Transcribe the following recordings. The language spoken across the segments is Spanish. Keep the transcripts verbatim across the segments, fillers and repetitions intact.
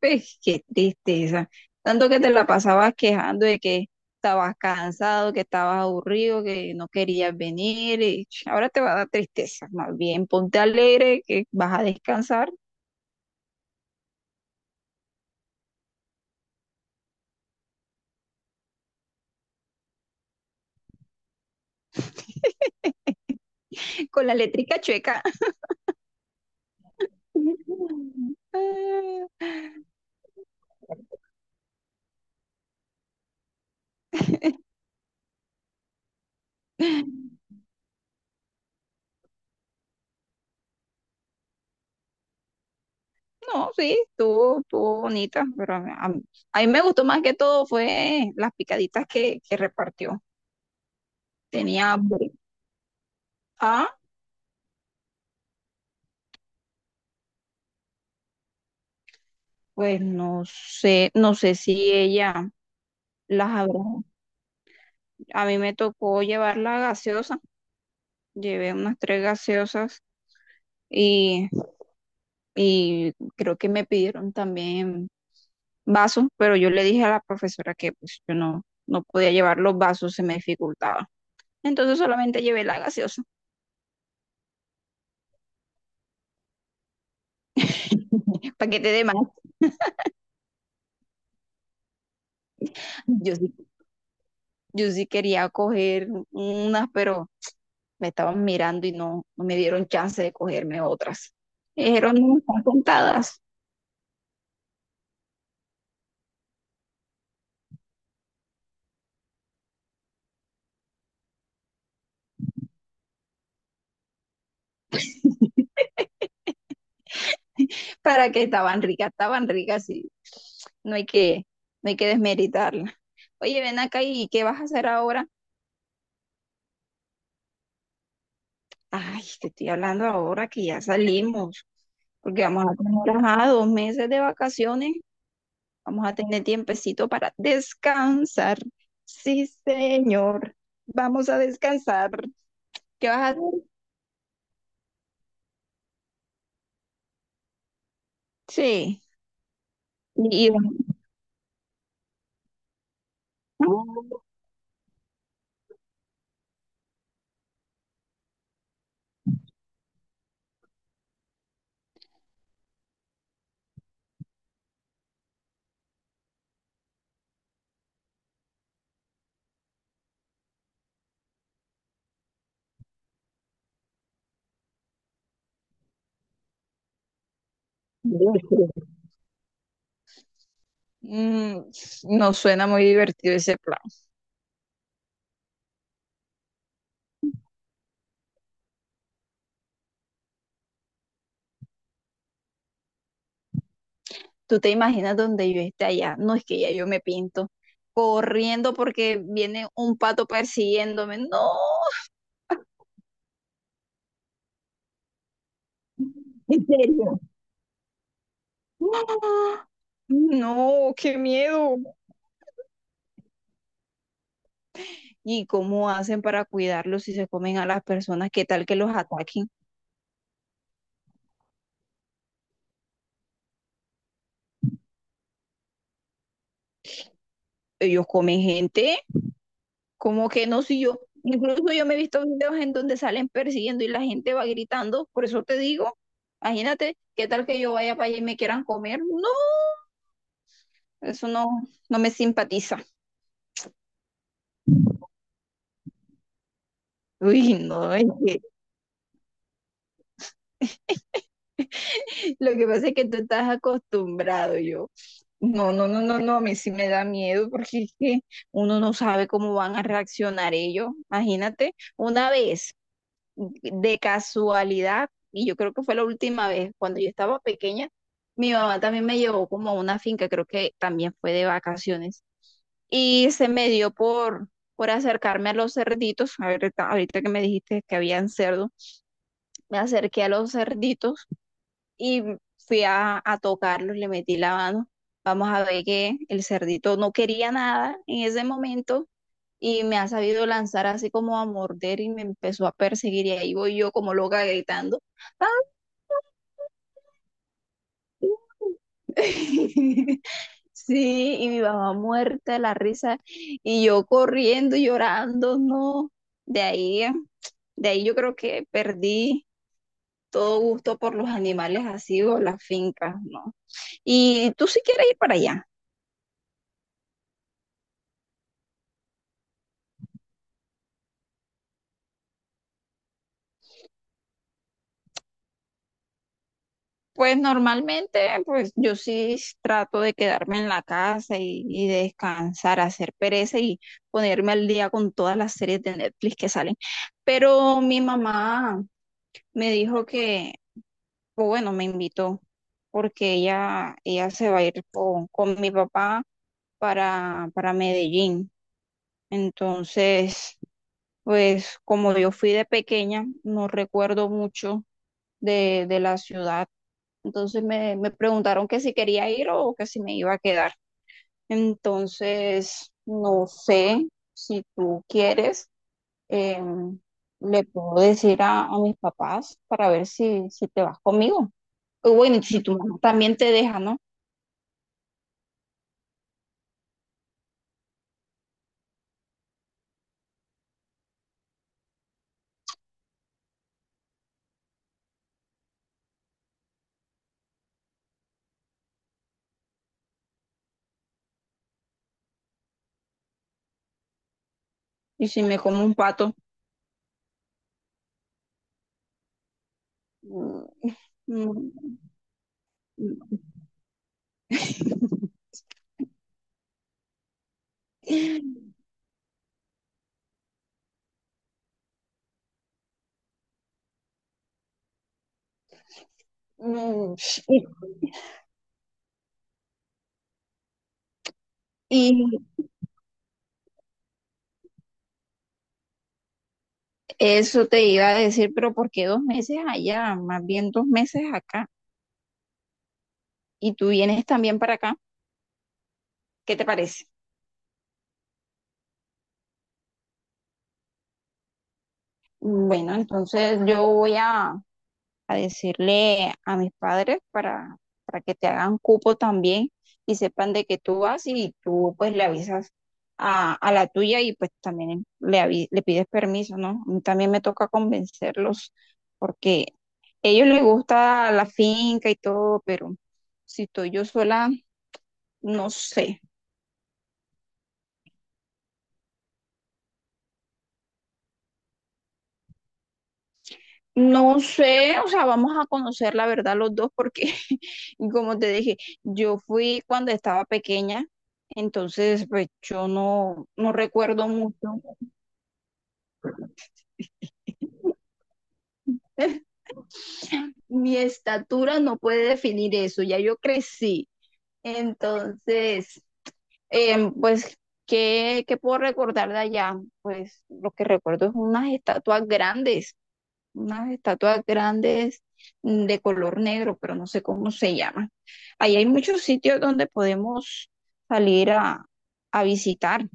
Pues, qué tristeza. Tanto que te la pasabas quejando de que estabas cansado, que estabas aburrido, que no querías venir y ch, ahora te va a dar tristeza. Más bien, ponte alegre que vas a descansar. Con la eléctrica chueca. Ah, no, sí, estuvo, estuvo bonita, pero a, a- mí a mí me gustó más que todo fue las picaditas que, que repartió. Tenía hambre. Ah, pues no sé, no sé si ella las habrá. A mí me tocó llevar la gaseosa, llevé unas tres gaseosas y, y creo que me pidieron también vasos, pero yo le dije a la profesora que pues yo no, no podía llevar los vasos, se me dificultaba. Entonces solamente llevé la gaseosa, paquete de más. Yo sí, yo sí quería coger unas, pero me estaban mirando y no, no me dieron chance de cogerme otras. Me dijeron, no, están contadas. Para que estaban ricas, estaban ricas y no hay que, no hay que desmeritarla. Oye, ven acá, y ¿qué vas a hacer ahora? Ay, te estoy hablando ahora que ya salimos, porque vamos a tener, ajá, dos meses de vacaciones, vamos a tener tiempecito para descansar. Sí, señor, vamos a descansar. ¿Qué vas a hacer? Sí. Y, y- Mm, no suena muy divertido ese plan. Tú te imaginas donde yo esté allá. No. Es que ya yo me pinto corriendo porque viene un pato persiguiéndome. No. ¿En serio? ¡Ah! No, qué miedo. ¿Y cómo hacen para cuidarlos si se comen a las personas? ¿Qué tal que los ataquen? Ellos comen gente. ¿Cómo que no? Si yo, incluso yo me he visto videos en donde salen persiguiendo y la gente va gritando. Por eso te digo, imagínate, ¿qué tal que yo vaya para allá y me quieran comer? No, eso no, no me simpatiza. Uy, no, es que lo que pasa es que tú estás acostumbrado, yo. No, no, no, no, no, a mí sí me da miedo porque es que uno no sabe cómo van a reaccionar ellos. Imagínate, una vez, de casualidad, y yo creo que fue la última vez, cuando yo estaba pequeña, mi mamá también me llevó como a una finca, creo que también fue de vacaciones, y se me dio por, por acercarme a los cerditos, a ver, ahorita ahorita que me dijiste que habían cerdos, me acerqué a los cerditos y fui a, a tocarlos, le metí la mano. Vamos a ver que el cerdito no quería nada en ese momento y me ha sabido lanzar así como a morder y me empezó a perseguir y ahí voy yo como loca gritando. ¡Ah! Sí, y mi mamá muerta de la risa y yo corriendo, llorando, no. De ahí, de ahí yo creo que perdí todo gusto por los animales así o las fincas, ¿no? Y tú si quieres ir para allá. Pues normalmente, pues yo sí trato de quedarme en la casa y, y descansar, hacer pereza y ponerme al día con todas las series de Netflix que salen. Pero mi mamá me dijo que, o bueno, me invitó porque ella, ella se va a ir con, con mi papá para, para Medellín. Entonces, pues como yo fui de pequeña, no recuerdo mucho de, de la ciudad, entonces me, me preguntaron que si quería ir o que si me iba a quedar. Entonces, no sé si tú quieres, em, le puedo decir a, a mis papás para ver si, si te vas conmigo. O bueno, y si tu mamá también te deja, ¿no? Y si me como un pato. Mm. Mm. Mm. Y, y eso te iba a decir, pero ¿por qué dos meses allá? Más bien dos meses acá. Y tú vienes también para acá. ¿Qué te parece? Bueno, entonces yo voy a, a decirle a mis padres para, para que te hagan cupo también y sepan de que tú vas y tú pues le avisas a, a la tuya y pues también le, avi- le pides permiso, ¿no? A mí también me toca convencerlos porque a ellos les gusta la finca y todo, pero si estoy yo sola, no sé. No sé, o sea, vamos a conocer la verdad los dos porque, como te dije, yo fui cuando estaba pequeña, entonces pues yo no, no recuerdo mucho. Mi estatura no puede definir eso, ya yo crecí. Entonces, em, pues, ¿qué, qué puedo recordar de allá? Pues lo que recuerdo es unas estatuas grandes. Unas estatuas grandes, mm, de color negro, pero no sé cómo se llaman. Ahí hay muchos sitios donde podemos salir a, a visitar.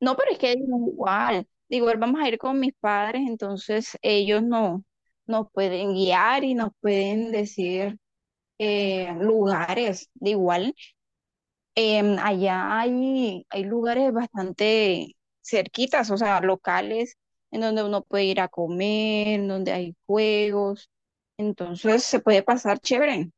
No, pero es que digo, igual, de igual vamos a ir con mis padres, entonces ellos no, nos pueden guiar y nos pueden decir, eh, lugares. De igual Em, allá hay, hay lugares bastante cerquitas, o sea, locales en donde uno puede ir a comer, en donde hay juegos, entonces se puede pasar chévere.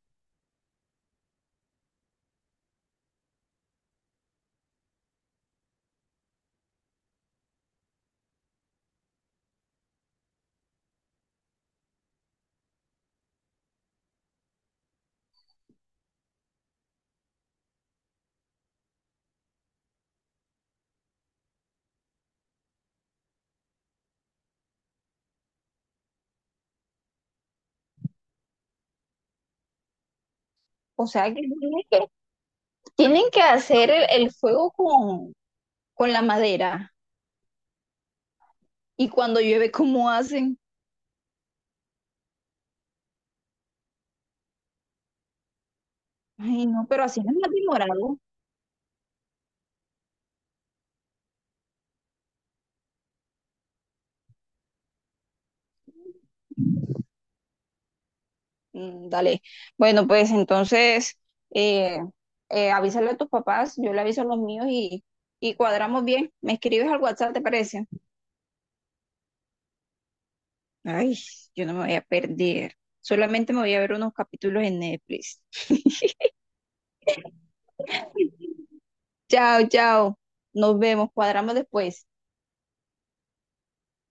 O sea que tienen que, tienen que hacer el, el fuego con, con la madera. Y cuando llueve, ¿cómo hacen? Ay, no, pero así no es más demorado. Mm, dale. Bueno, pues entonces, eh, eh, avísale a tus papás, yo le aviso a los míos y, y cuadramos bien. ¿Me escribes al WhatsApp, te parece? Ay, yo no me voy a perder. Solamente me voy a ver unos capítulos en Netflix. Chao, chao. Nos vemos. Cuadramos después.